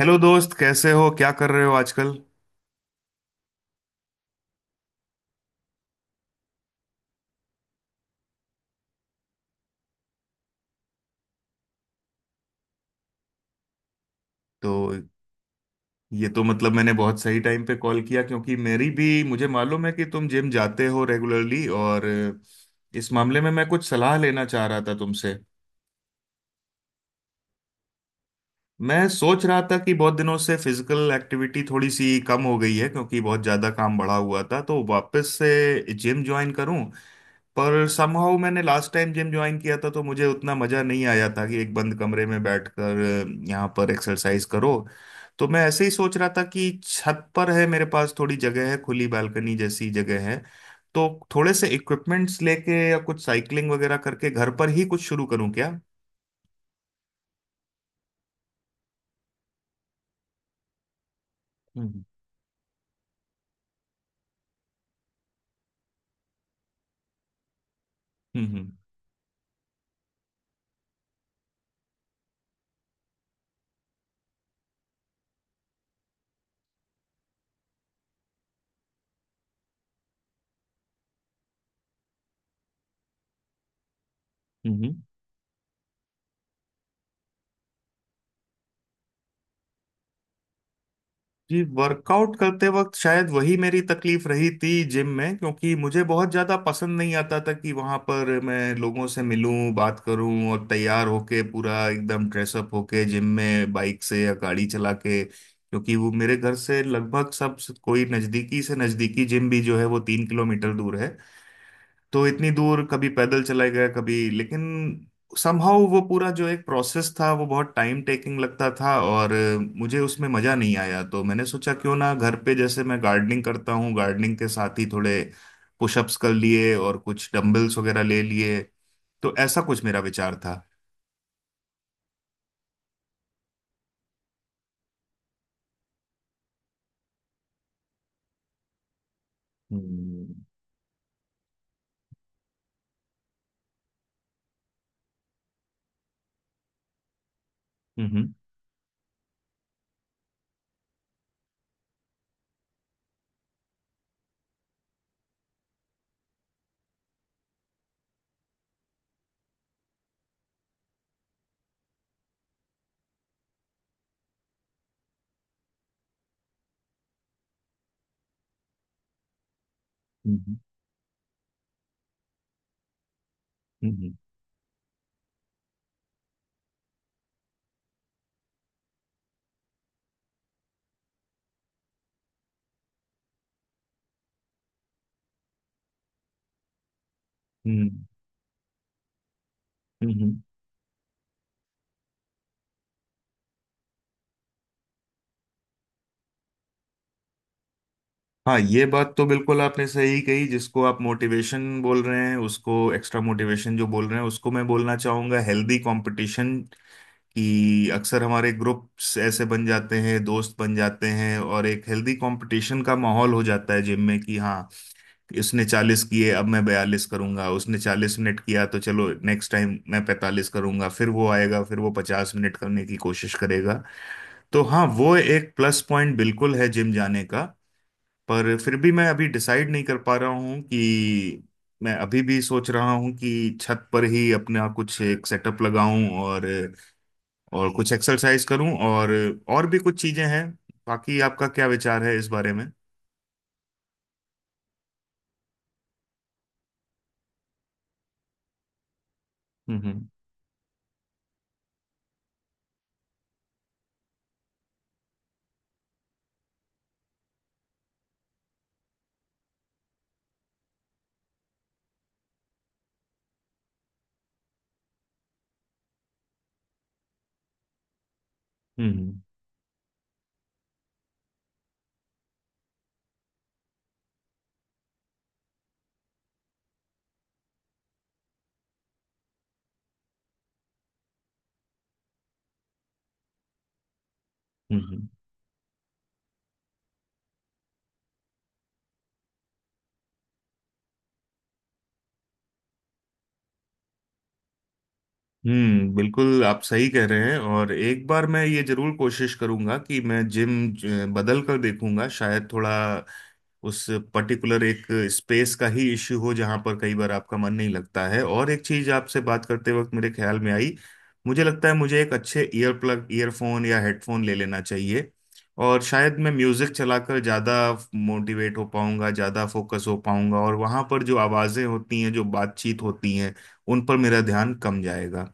Hello दोस्त, कैसे हो? क्या कर रहे हो आजकल? तो ये तो मतलब मैंने बहुत सही टाइम पे कॉल किया, क्योंकि मेरी भी मुझे मालूम है कि तुम जिम जाते हो रेगुलरली, और इस मामले में मैं कुछ सलाह लेना चाह रहा था तुमसे। मैं सोच रहा था कि बहुत दिनों से फिजिकल एक्टिविटी थोड़ी सी कम हो गई है, क्योंकि बहुत ज़्यादा काम बढ़ा हुआ था, तो वापस से जिम ज्वाइन करूं। पर समहाउ मैंने लास्ट टाइम जिम ज्वाइन किया था तो मुझे उतना मजा नहीं आया था कि एक बंद कमरे में बैठकर यहाँ पर एक्सरसाइज करो। तो मैं ऐसे ही सोच रहा था कि छत पर है, मेरे पास थोड़ी जगह है, खुली बालकनी जैसी जगह है, तो थोड़े से इक्विपमेंट्स लेके या कुछ साइकिलिंग वगैरह करके घर पर ही कुछ शुरू करूँ क्या? हम्म, हम्म, हम्म, हम्म। जी, वर्कआउट करते वक्त शायद वही मेरी तकलीफ रही थी जिम में, क्योंकि मुझे बहुत ज़्यादा पसंद नहीं आता था कि वहाँ पर मैं लोगों से मिलूं, बात करूं, और तैयार होके, पूरा एकदम ड्रेसअप होके जिम में बाइक से या गाड़ी चला के, क्योंकि वो मेरे घर से लगभग सब, कोई नज़दीकी से नज़दीकी जिम भी जो है वो 3 किलोमीटर दूर है। तो इतनी दूर कभी पैदल चले गए कभी, लेकिन समहाउ वो पूरा जो एक प्रोसेस था वो बहुत टाइम टेकिंग लगता था, और मुझे उसमें मजा नहीं आया। तो मैंने सोचा क्यों ना घर पे, जैसे मैं गार्डनिंग करता हूँ, गार्डनिंग के साथ ही थोड़े पुशअप्स कर लिए और कुछ डंबल्स वगैरह ले लिए, तो ऐसा कुछ मेरा विचार था। हम्म, हम्म, हम्म, हम्म, हम्म, हम्म। हाँ, ये बात तो बिल्कुल आपने सही कही। जिसको आप मोटिवेशन बोल रहे हैं, उसको एक्स्ट्रा मोटिवेशन जो बोल रहे हैं, उसको मैं बोलना चाहूंगा हेल्दी कंपटीशन। कि अक्सर हमारे ग्रुप्स ऐसे बन जाते हैं, दोस्त बन जाते हैं, और एक हेल्दी कंपटीशन का माहौल हो जाता है जिम में, कि हाँ इसने 40 किए, अब मैं 42 करूंगा। उसने 40 मिनट किया तो चलो नेक्स्ट टाइम मैं 45 करूंगा, फिर वो आएगा, फिर वो 50 मिनट करने की कोशिश करेगा। तो हाँ, वो एक प्लस पॉइंट बिल्कुल है जिम जाने का। पर फिर भी मैं अभी डिसाइड नहीं कर पा रहा हूँ कि मैं अभी भी सोच रहा हूँ कि छत पर ही अपना कुछ एक सेटअप लगाऊं, और कुछ एक्सरसाइज करूं, और भी कुछ चीजें हैं। बाकी आपका क्या विचार है इस बारे में? हम्म, हम्म, हम्म, हम्म, हम्म। बिल्कुल, आप सही कह रहे हैं। और एक बार मैं ये जरूर कोशिश करूंगा कि मैं जिम बदल कर देखूंगा, शायद थोड़ा उस पर्टिकुलर एक स्पेस का ही इश्यू हो, जहां पर कई बार आपका मन नहीं लगता है। और एक चीज आपसे बात करते वक्त मेरे ख्याल में आई, मुझे लगता है मुझे एक अच्छे ईयर प्लग, ईयरफोन या हेडफोन ले लेना चाहिए, और शायद मैं म्यूजिक चलाकर ज्यादा मोटिवेट हो पाऊंगा, ज्यादा फोकस हो पाऊंगा, और वहां पर जो आवाजें होती हैं, जो बातचीत होती हैं, उन पर मेरा ध्यान कम जाएगा।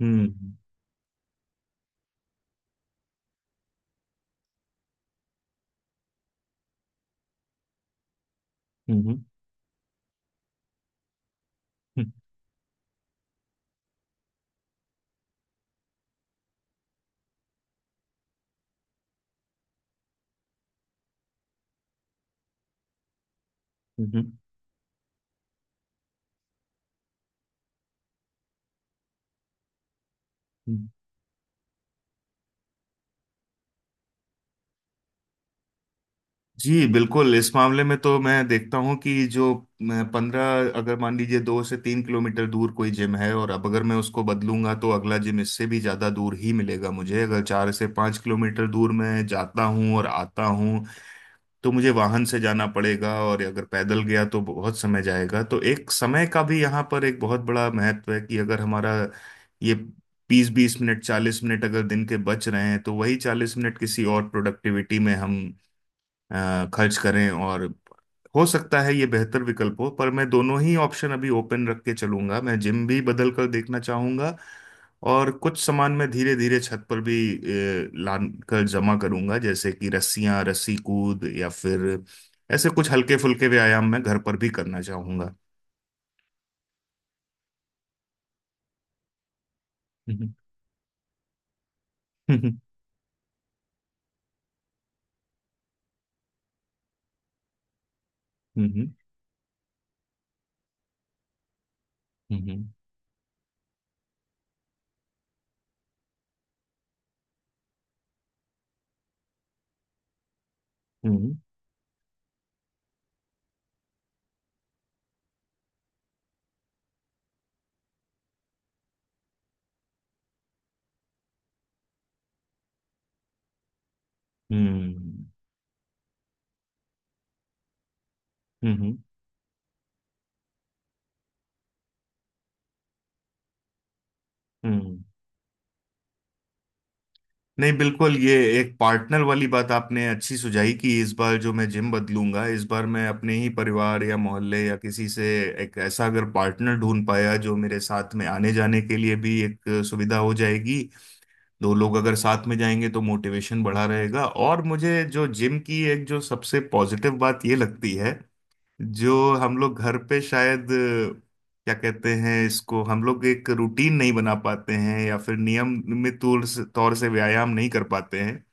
हम्म, हम्म, हम्म, हम्म, हम्म। जी बिल्कुल, इस मामले में तो मैं देखता हूँ कि जो पंद्रह अगर मान लीजिए 2 से 3 किलोमीटर दूर कोई जिम है, और अब अगर मैं उसको बदलूंगा तो अगला जिम इससे भी ज़्यादा दूर ही मिलेगा मुझे। अगर 4 से 5 किलोमीटर दूर मैं जाता हूँ और आता हूँ तो मुझे वाहन से जाना पड़ेगा, और अगर पैदल गया तो बहुत समय जाएगा। तो एक समय का भी यहाँ पर एक बहुत बड़ा महत्व है, कि अगर हमारा ये 20 20 मिनट, 40 मिनट अगर दिन के बच रहे हैं, तो वही 40 मिनट किसी और प्रोडक्टिविटी में हम खर्च करें, और हो सकता है ये बेहतर विकल्प हो। पर मैं दोनों ही ऑप्शन अभी ओपन रख के चलूंगा। मैं जिम भी बदल कर देखना चाहूंगा, और कुछ सामान मैं धीरे धीरे छत पर भी ला कर जमा करूंगा, जैसे कि रस्सियां, रस्सी कूद, या फिर ऐसे कुछ हल्के फुल्के व्यायाम मैं घर पर भी करना चाहूंगा। हम्म, हम्म, हम्म, हम्म, हम्म, हम्म, हम्म, हम्म। नहीं बिल्कुल, ये एक पार्टनर वाली बात आपने अच्छी सुझाई कि इस बार जो मैं जिम बदलूंगा, इस बार मैं अपने ही परिवार या मोहल्ले या किसी से एक ऐसा अगर पार्टनर ढूंढ पाया, जो मेरे साथ में आने जाने के लिए भी एक सुविधा हो जाएगी। दो लोग अगर साथ में जाएंगे तो मोटिवेशन बढ़ा रहेगा। और मुझे जो जिम की एक जो सबसे पॉजिटिव बात ये लगती है, जो हम लोग घर पे शायद क्या कहते हैं इसको, हम लोग एक रूटीन नहीं बना पाते हैं, या फिर नियमित तौर से व्यायाम नहीं कर पाते हैं।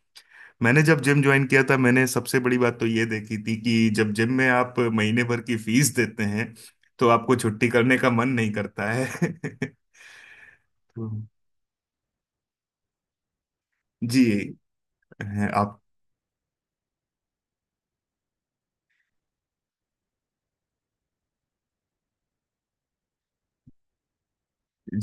मैंने जब जिम ज्वाइन किया था, मैंने सबसे बड़ी बात तो ये देखी थी कि जब जिम में आप महीने भर की फीस देते हैं, तो आपको छुट्टी करने का मन नहीं करता है। तो। जी। आप।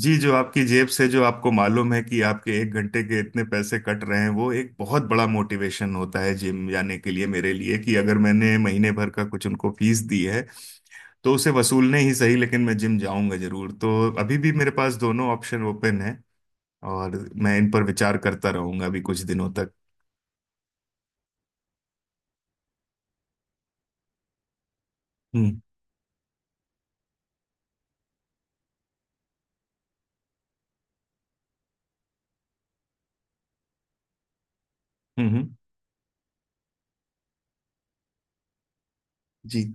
जी, जो आपकी जेब से, जो आपको मालूम है कि आपके एक घंटे के इतने पैसे कट रहे हैं, वो एक बहुत बड़ा मोटिवेशन होता है जिम जाने के लिए मेरे लिए। कि अगर मैंने महीने भर का कुछ उनको फीस दी है, तो उसे वसूलने ही सही, लेकिन मैं जिम जाऊंगा जरूर। तो अभी भी मेरे पास दोनों ऑप्शन ओपन है, और मैं इन पर विचार करता रहूंगा अभी कुछ दिनों तक। हम्म, हम्म, जी।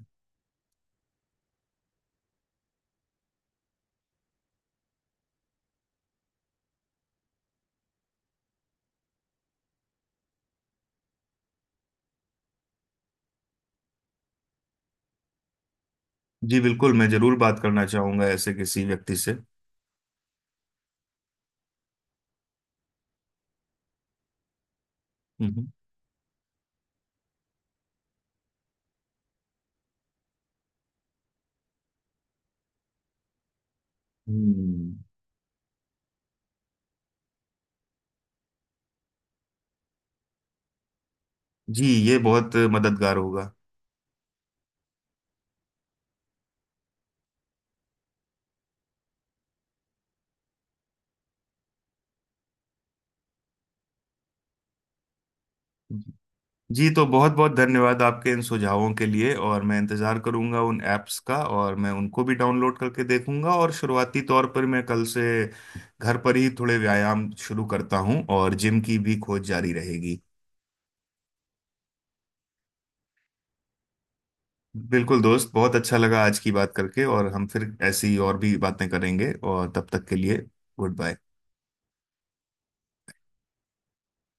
जी बिल्कुल, मैं जरूर बात करना चाहूंगा ऐसे किसी व्यक्ति से। हम्म, हम्म। जी, ये बहुत मददगार होगा। जी, तो बहुत बहुत धन्यवाद आपके इन सुझावों के लिए। और मैं इंतज़ार करूंगा उन ऐप्स का, और मैं उनको भी डाउनलोड करके देखूंगा। और शुरुआती तौर पर मैं कल से घर पर ही थोड़े व्यायाम शुरू करता हूं, और जिम की भी खोज जारी रहेगी। बिल्कुल दोस्त, बहुत अच्छा लगा आज की बात करके, और हम फिर ऐसी और भी बातें करेंगे, और तब तक के लिए गुड बाय।